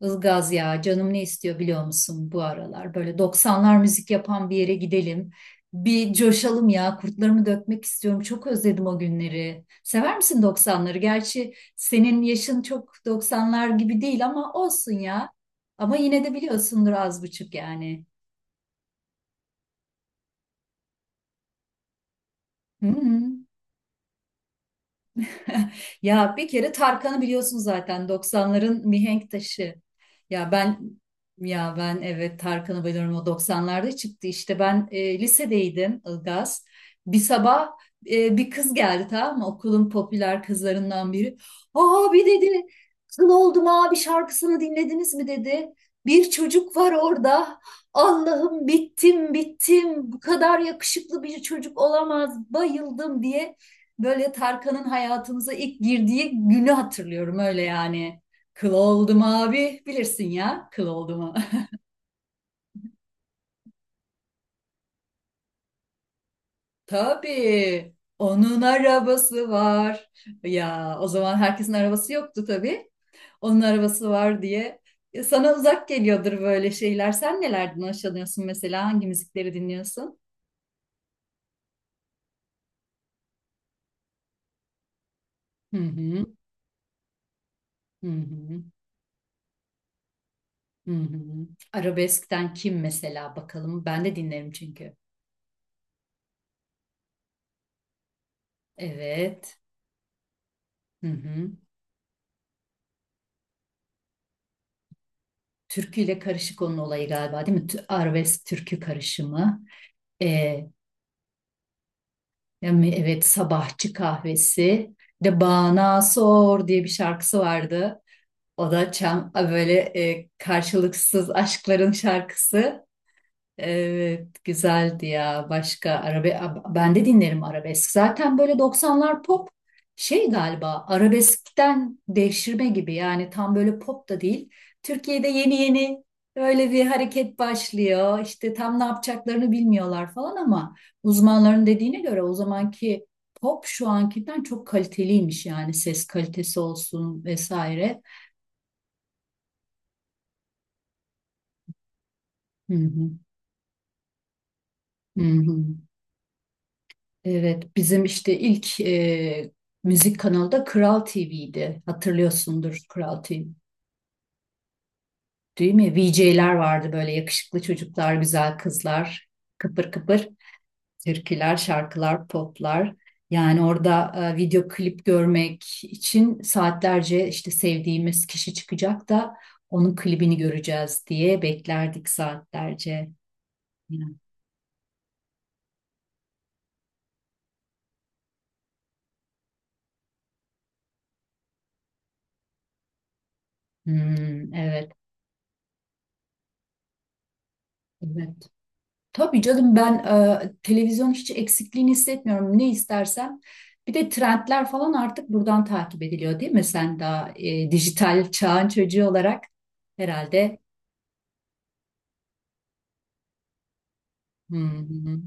Ilgaz ya canım ne istiyor biliyor musun bu aralar? Böyle doksanlar müzik yapan bir yere gidelim. Bir coşalım ya kurtlarımı dökmek istiyorum. Çok özledim o günleri. Sever misin doksanları? Gerçi senin yaşın çok doksanlar gibi değil ama olsun ya. Ama yine de biliyorsundur az buçuk yani. Hı hı. Ya bir kere Tarkan'ı biliyorsun zaten 90'ların mihenk taşı. Ya ben ya ben, evet Tarkan'ı biliyorum, o 90'larda çıktı, işte ben lisedeydim Ilgaz. Bir sabah bir kız geldi, tamam mı, okulun popüler kızlarından biri. Aa, bir dedi, kıl oldum abi şarkısını dinlediniz mi dedi. Bir çocuk var orada. Allah'ım bittim bittim, bu kadar yakışıklı bir çocuk olamaz, bayıldım diye. Böyle Tarkan'ın hayatımıza ilk girdiği günü hatırlıyorum öyle yani. Kıl oldum abi, bilirsin ya, kıl oldum. Tabii onun arabası var. Ya o zaman herkesin arabası yoktu tabii. Onun arabası var diye. Sana uzak geliyordur böyle şeyler. Sen nelerden hoşlanıyorsun mesela? Hangi müzikleri dinliyorsun? Hı hı, hı hı, hı hı. Arabeskten kim mesela bakalım? Ben de dinlerim çünkü. Evet. Hı hı. Türküyle karışık onun olayı galiba, değil mi? Arabesk türkü karışımı. Ee, Yani evet, sabahçı kahvesi. Bir de Bana Sor diye bir şarkısı vardı. O da çam böyle karşılıksız aşkların şarkısı. Evet, güzeldi ya. Ben de dinlerim arabesk. Zaten böyle doksanlar pop şey galiba arabeskten devşirme gibi, yani tam böyle pop da değil. Türkiye'de yeni yeni öyle bir hareket başlıyor. İşte tam ne yapacaklarını bilmiyorlar falan, ama uzmanların dediğine göre o zamanki pop şu ankinden çok kaliteliymiş, yani ses kalitesi olsun vesaire. Hı hı. Hı hı. Evet, bizim işte ilk müzik kanalı da Kral TV'ydi. Hatırlıyorsundur Kral TV, değil mi? VJ'ler vardı, böyle yakışıklı çocuklar, güzel kızlar, kıpır kıpır türküler, şarkılar, poplar. Yani orada video klip görmek için saatlerce, işte sevdiğimiz kişi çıkacak da onun klibini göreceğiz diye beklerdik saatlerce. Yani, hmm, evet, evet. Tabii canım, ben televizyon hiç eksikliğini hissetmiyorum. Ne istersem. Bir de trendler falan artık buradan takip ediliyor, değil mi? Sen daha dijital çağın çocuğu olarak herhalde. Hı hı.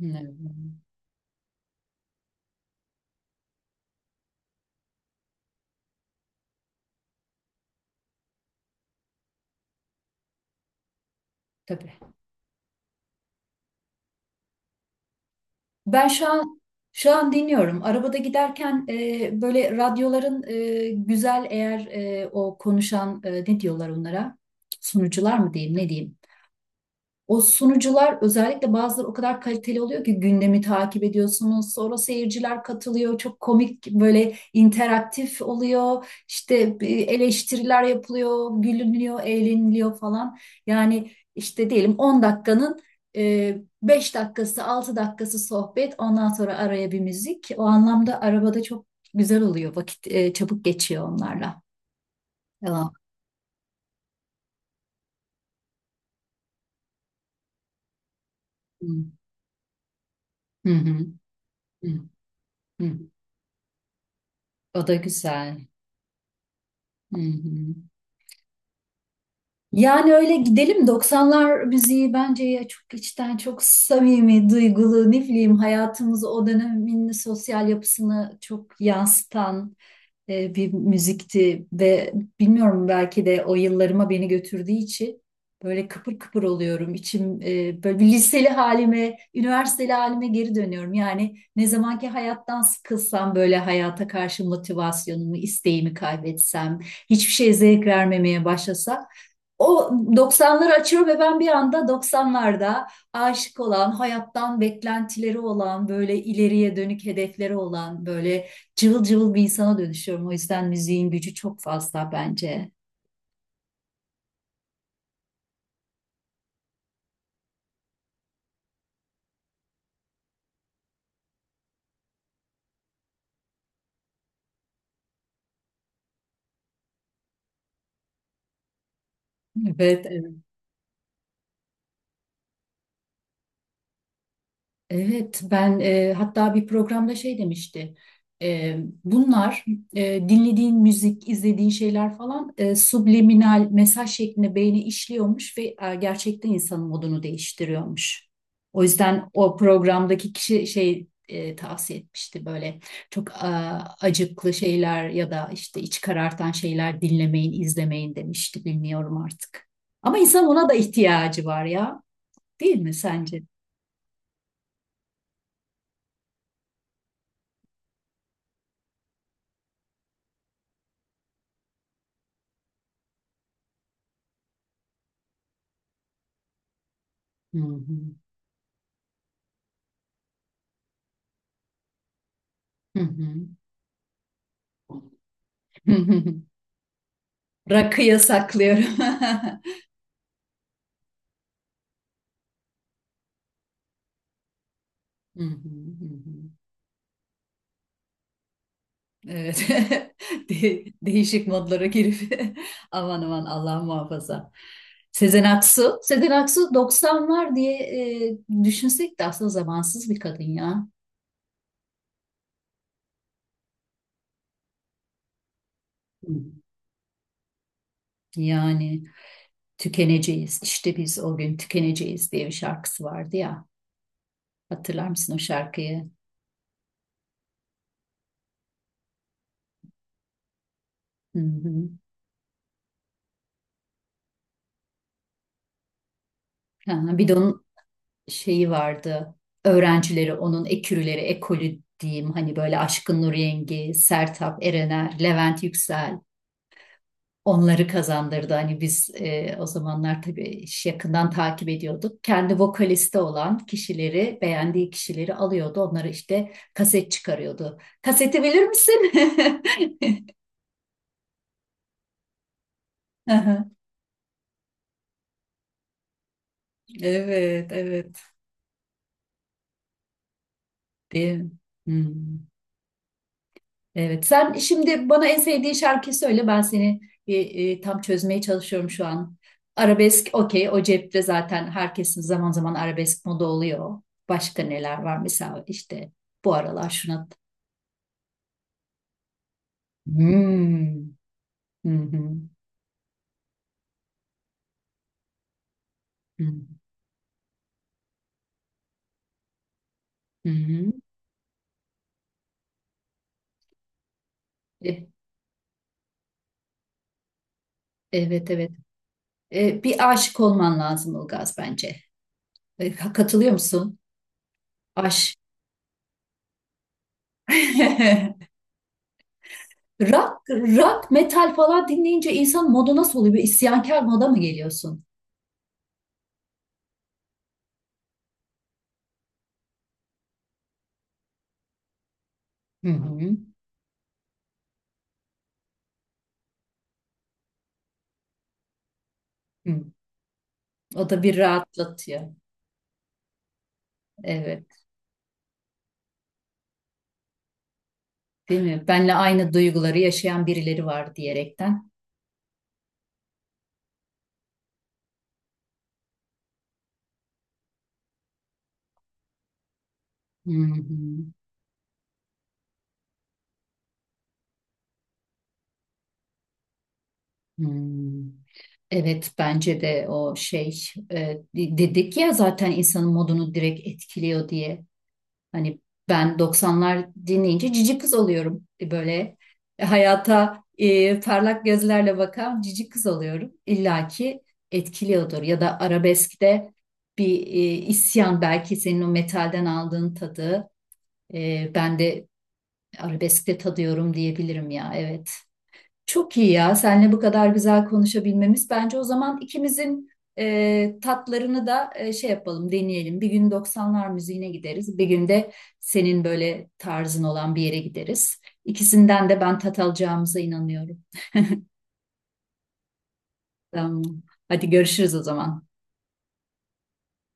Evet. Tabii. Ben şu an dinliyorum. Arabada giderken böyle radyoların güzel eğer o konuşan, ne diyorlar onlara? Sunucular mı diyeyim, ne diyeyim? O sunucular, özellikle bazıları, o kadar kaliteli oluyor ki gündemi takip ediyorsunuz. Sonra seyirciler katılıyor. Çok komik, böyle interaktif oluyor. İşte bir eleştiriler yapılıyor, gülünüyor, eğleniliyor falan. Yani işte diyelim 10 dakikanın 5 dakikası, 6 dakikası sohbet. Ondan sonra araya bir müzik. O anlamda arabada çok güzel oluyor. Vakit çabuk geçiyor onlarla. Devam. Hı. Hı hı. Hı hı. O da güzel. Hı hı. Yani öyle gidelim, 90'lar müziği bence ya çok içten, çok samimi, duygulu, ne bileyim, hayatımızı, o dönemin sosyal yapısını çok yansıtan bir müzikti ve bilmiyorum, belki de o yıllarıma beni götürdüğü için böyle kıpır kıpır oluyorum. İçim böyle bir liseli halime, üniversiteli halime geri dönüyorum. Yani ne zamanki hayattan sıkılsam, böyle hayata karşı motivasyonumu, isteğimi kaybetsem, hiçbir şeye zevk vermemeye başlasam, o 90'ları açıyor ve ben bir anda 90'larda aşık olan, hayattan beklentileri olan, böyle ileriye dönük hedefleri olan, böyle cıvıl cıvıl bir insana dönüşüyorum. O yüzden müziğin gücü çok fazla bence. Evet, evet. Evet, ben hatta bir programda şey demişti. E, Bunlar dinlediğin müzik, izlediğin şeyler falan, subliminal mesaj şeklinde beyni işliyormuş ve gerçekten insanın modunu değiştiriyormuş. O yüzden o programdaki kişi şey, tavsiye etmişti, böyle çok acıklı şeyler ya da işte iç karartan şeyler dinlemeyin, izlemeyin demişti. Bilmiyorum artık. Ama insan ona da ihtiyacı var ya, değil mi sence? Hı hı. Hı hı. Rakı yasaklıyorum. Hı hı, hı hı. Evet. Değişik modlara girip aman aman Allah muhafaza. Sezen Aksu. Sezen Aksu doksanlar diye e, düşünsek de aslında zamansız bir kadın ya. Hı. Yani tükeneceğiz. İşte biz o gün tükeneceğiz diye bir şarkısı vardı ya. Hatırlar mısın o şarkıyı? Hı hı. Ha, bir de onun şeyi vardı. Öğrencileri, onun ekürüleri, ekolü diyeyim. Hani böyle Aşkın Nur Yengi, Sertab Erener, Levent Yüksel onları kazandırdı. Hani biz o zamanlar tabii iş yakından takip ediyorduk. Kendi vokalisti olan kişileri, beğendiği kişileri alıyordu. Onları işte kaset çıkarıyordu. Kaseti bilir misin? Aha. Evet, evet. Değil mi? Hmm. Evet, sen şimdi bana en sevdiğin şarkıyı söyle. Ben seni tam çözmeye çalışıyorum şu an. Arabesk, okey. O cepte zaten, herkesin zaman zaman arabesk moda oluyor. Başka neler var? Mesela işte bu aralar şuna... Hmm. Hı hı. Hı hı. E. Evet, evet. Bir aşık olman lazım Ilgaz bence. Katılıyor musun? Aş. Rock, rock, metal falan dinleyince insan modu nasıl oluyor? Bir isyankar moda mı geliyorsun? Hı hı. Hı. O da bir rahatlatıyor. Evet, değil mi? Benle aynı duyguları yaşayan birileri var diyerekten. Hı hı. Hı. Evet, bence de o e, dedik ya zaten, insanın modunu direkt etkiliyor diye. Hani ben 90'lar dinleyince cici kız oluyorum. Böyle hayata parlak gözlerle bakan cici kız oluyorum. İlla ki etkiliyordur. Ya da arabeskte bir isyan, belki senin o metalden aldığın tadı ben de arabeskte tadıyorum diyebilirim ya. Evet. Çok iyi ya. Seninle bu kadar güzel konuşabilmemiz. Bence o zaman ikimizin tatlarını da şey yapalım, deneyelim. Bir gün 90'lar müziğine gideriz. Bir gün de senin böyle tarzın olan bir yere gideriz. İkisinden de ben tat alacağımıza inanıyorum. Tamam. Hadi görüşürüz o zaman.